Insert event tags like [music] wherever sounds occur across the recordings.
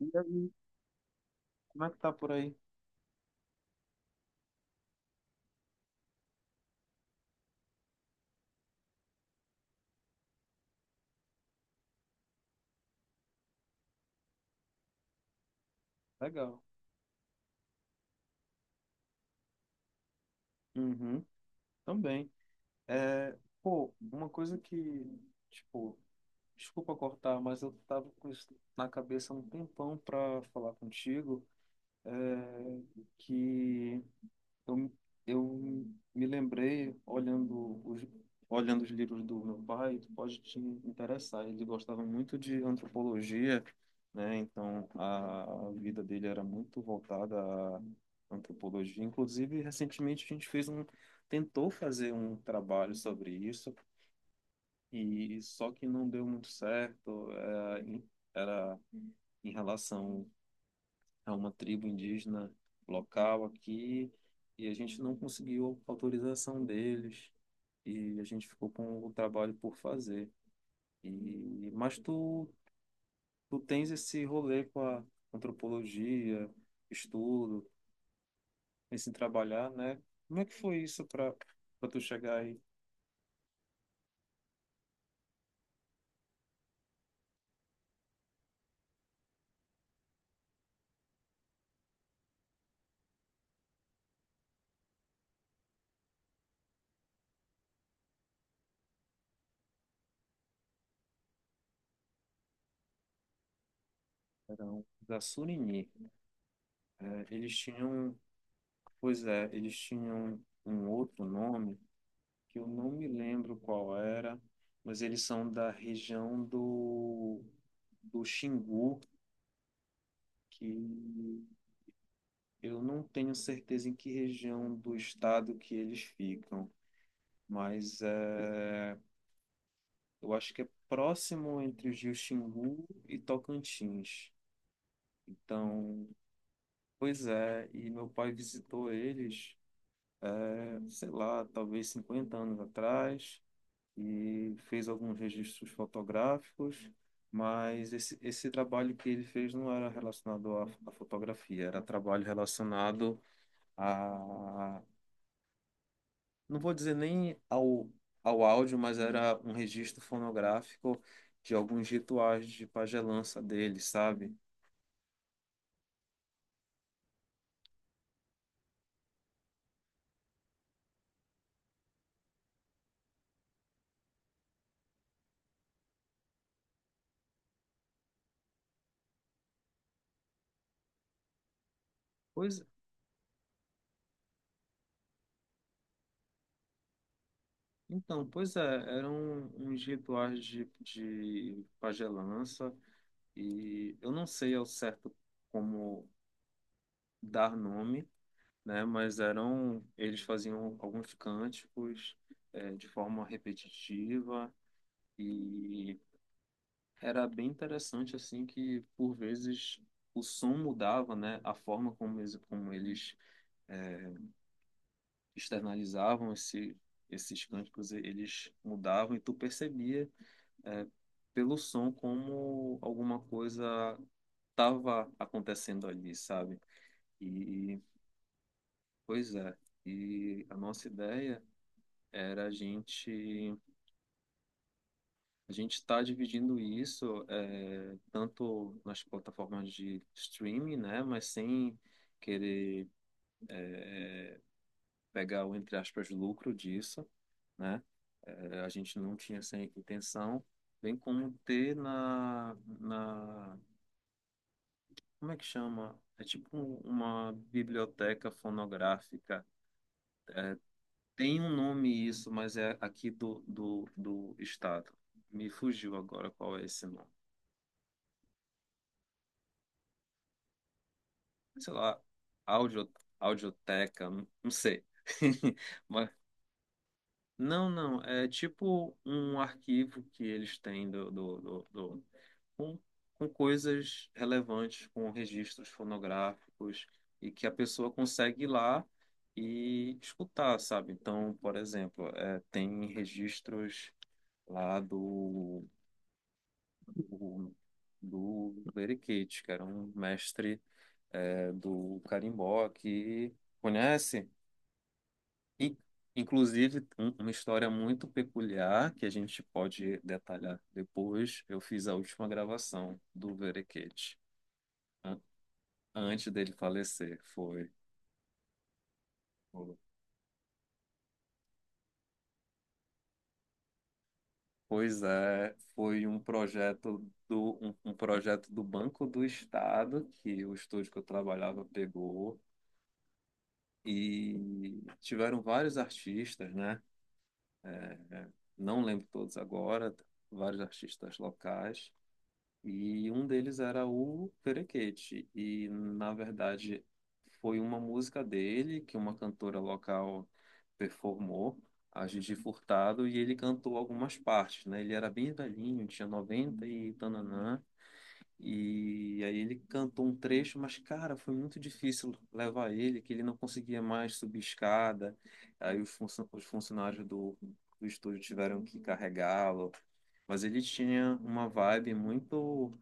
E aí, como é que tá por aí? Legal. Uhum, também. É, pô, uma coisa que, tipo, desculpa cortar, mas eu tava com isso na cabeça há um tempão pra falar contigo, é, que Eu, eu me lembrei, olhando os livros do meu pai, tu pode te interessar. Ele gostava muito de antropologia, né? Então a vida dele era muito voltada à antropologia. Inclusive, recentemente a gente tentou fazer um trabalho sobre isso, e só que não deu muito certo. Era em relação a uma tribo indígena local aqui, e a gente não conseguiu autorização deles, e a gente ficou com o trabalho por fazer. E, mas tu tens esse rolê com a antropologia, estudo, esse trabalhar, né? Como é que foi isso para tu chegar aí? Eram da Surini, né? Pois é, eles tinham um outro nome que eu não me lembro qual era, mas eles são da região do Xingu, que eu não tenho certeza em que região do estado que eles ficam, mas é, eu acho que é próximo entre os rios Xingu e Tocantins. Então, pois é, e meu pai visitou eles, sei lá, talvez 50 anos atrás. E fez alguns registros fotográficos, mas esse trabalho que ele fez não era relacionado à fotografia. Era trabalho relacionado, a, não vou dizer nem ao áudio, mas era um registro fonográfico de alguns rituais de pagelança dele, sabe? Pois, então, pois é, eram uns rituais de pagelança, e eu não sei ao certo como dar nome, né? Eles faziam alguns cânticos, de forma repetitiva, e era bem interessante assim que, por vezes, o som mudava, né? A forma como eles eh, externalizavam esses cânticos, eles mudavam, e tu percebia, eh, pelo som, como alguma coisa estava acontecendo ali, sabe? E pois é. E a nossa ideia era, a gente está dividindo isso, tanto nas plataformas de streaming, né, mas sem querer pegar o entre aspas lucro disso, né? É, a gente não tinha essa intenção, bem como ter na, como é que chama? É tipo uma biblioteca fonográfica. Tem um nome isso, mas é aqui do estado. Me fugiu agora qual é esse nome. Sei lá, audio, audioteca, não sei. [laughs] Mas não, não, é tipo um arquivo que eles têm com, com coisas relevantes, com registros fonográficos, e que a pessoa consegue ir lá e escutar, sabe? Então, por exemplo, tem registros lá do, do Leriquete, que era um mestre, do carimbó, que conhece? In- Inclusive, uma história muito peculiar que a gente pode detalhar depois. Eu fiz a última gravação do Verequete an- antes dele falecer. Foi. foi- Pois é, foi um projeto do Banco do Estado que o estúdio que eu trabalhava pegou, e tiveram vários artistas, né? É, é, não lembro todos agora, vários artistas locais. E um deles era o Perequete. E, na verdade, foi uma música dele que uma cantora local performou, a Gigi Furtado, e ele cantou algumas partes, né? Ele era bem velhinho, tinha 90 e tananã. E aí ele cantou um trecho, mas, cara, foi muito difícil levar ele, que ele não conseguia mais subir escada. Aí os os funcionários do estúdio tiveram que carregá-lo. Mas ele tinha uma vibe muito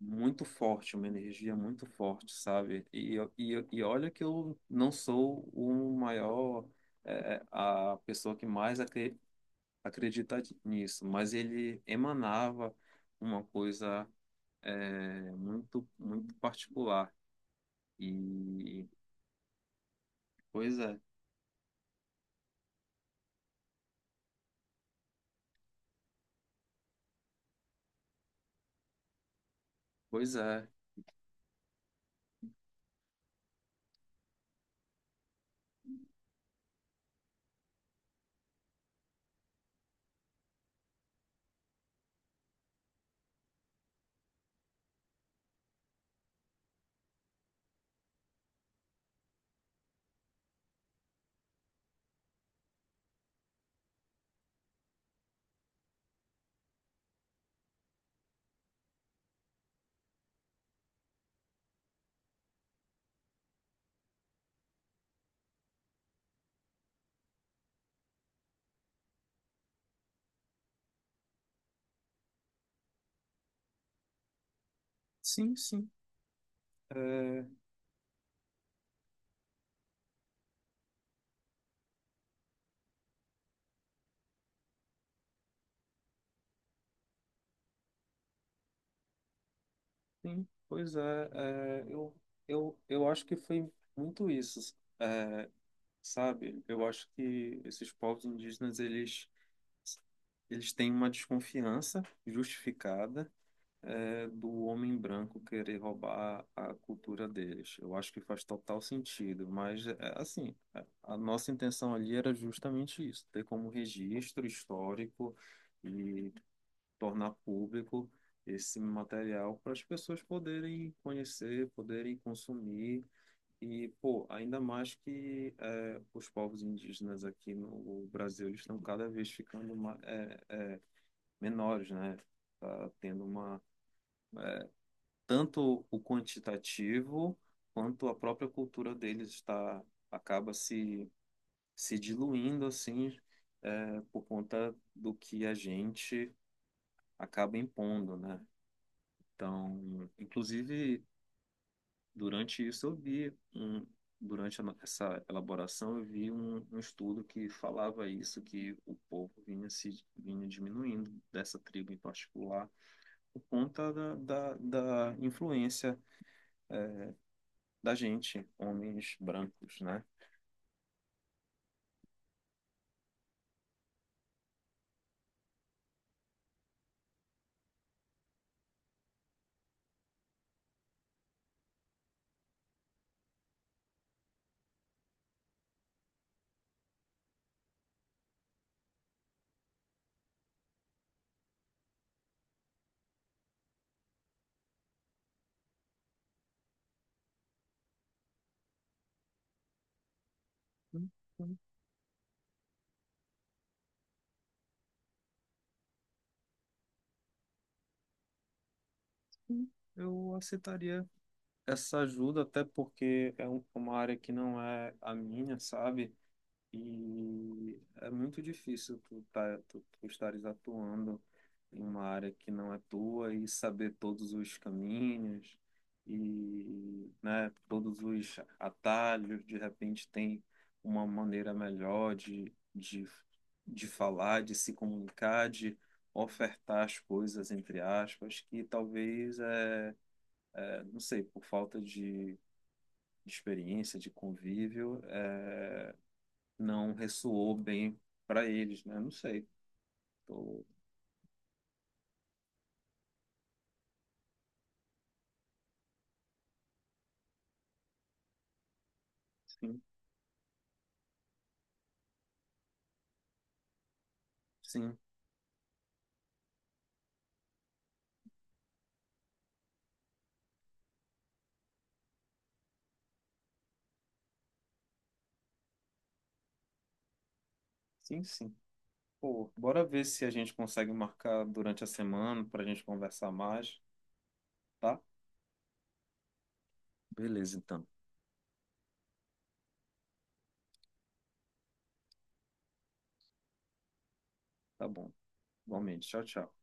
muito forte, uma energia muito forte, sabe? E olha que eu não sou o maior, é, a pessoa que mais acredita nisso, mas ele emanava uma coisa, muito, muito particular. E, pois é, pois é, sim, sim, é, sim, pois é, eu acho que foi muito isso. É, Sabe, eu acho que esses povos indígenas, eles têm uma desconfiança justificada, do homem branco querer roubar a cultura deles. Eu acho que faz total sentido, mas é, assim, a nossa intenção ali era justamente isso: ter como registro histórico e tornar público esse material para as pessoas poderem conhecer, poderem consumir. E, pô, ainda mais que, os povos indígenas aqui no Brasil, eles estão cada vez ficando mais, menores, né? Tá tendo uma tanto o quantitativo quanto a própria cultura deles está acaba se diluindo assim, por conta do que a gente acaba impondo, né? Então, inclusive, durante isso eu vi um, durante a no- essa elaboração, eu vi um estudo que falava isso, que o povo vinha se vinha diminuindo dessa tribo em particular, por conta da influência da gente, homens brancos, né? Então, eu aceitaria essa ajuda, até porque é uma área que não é a minha, sabe? E é muito difícil tu estares atuando em uma área que não é tua e saber todos os caminhos e, né, todos os atalhos. De repente tem uma maneira melhor de falar, de se comunicar, de ofertar as coisas, entre aspas, que talvez, não sei, por falta de experiência, de convívio, não ressoou bem para eles, né? Não sei. Tô- Sim, sim, sim, sim. Pô, bora ver se a gente consegue marcar durante a semana para a gente conversar mais, tá? Beleza, então. Tá bom. Igualmente. Tchau, tchau.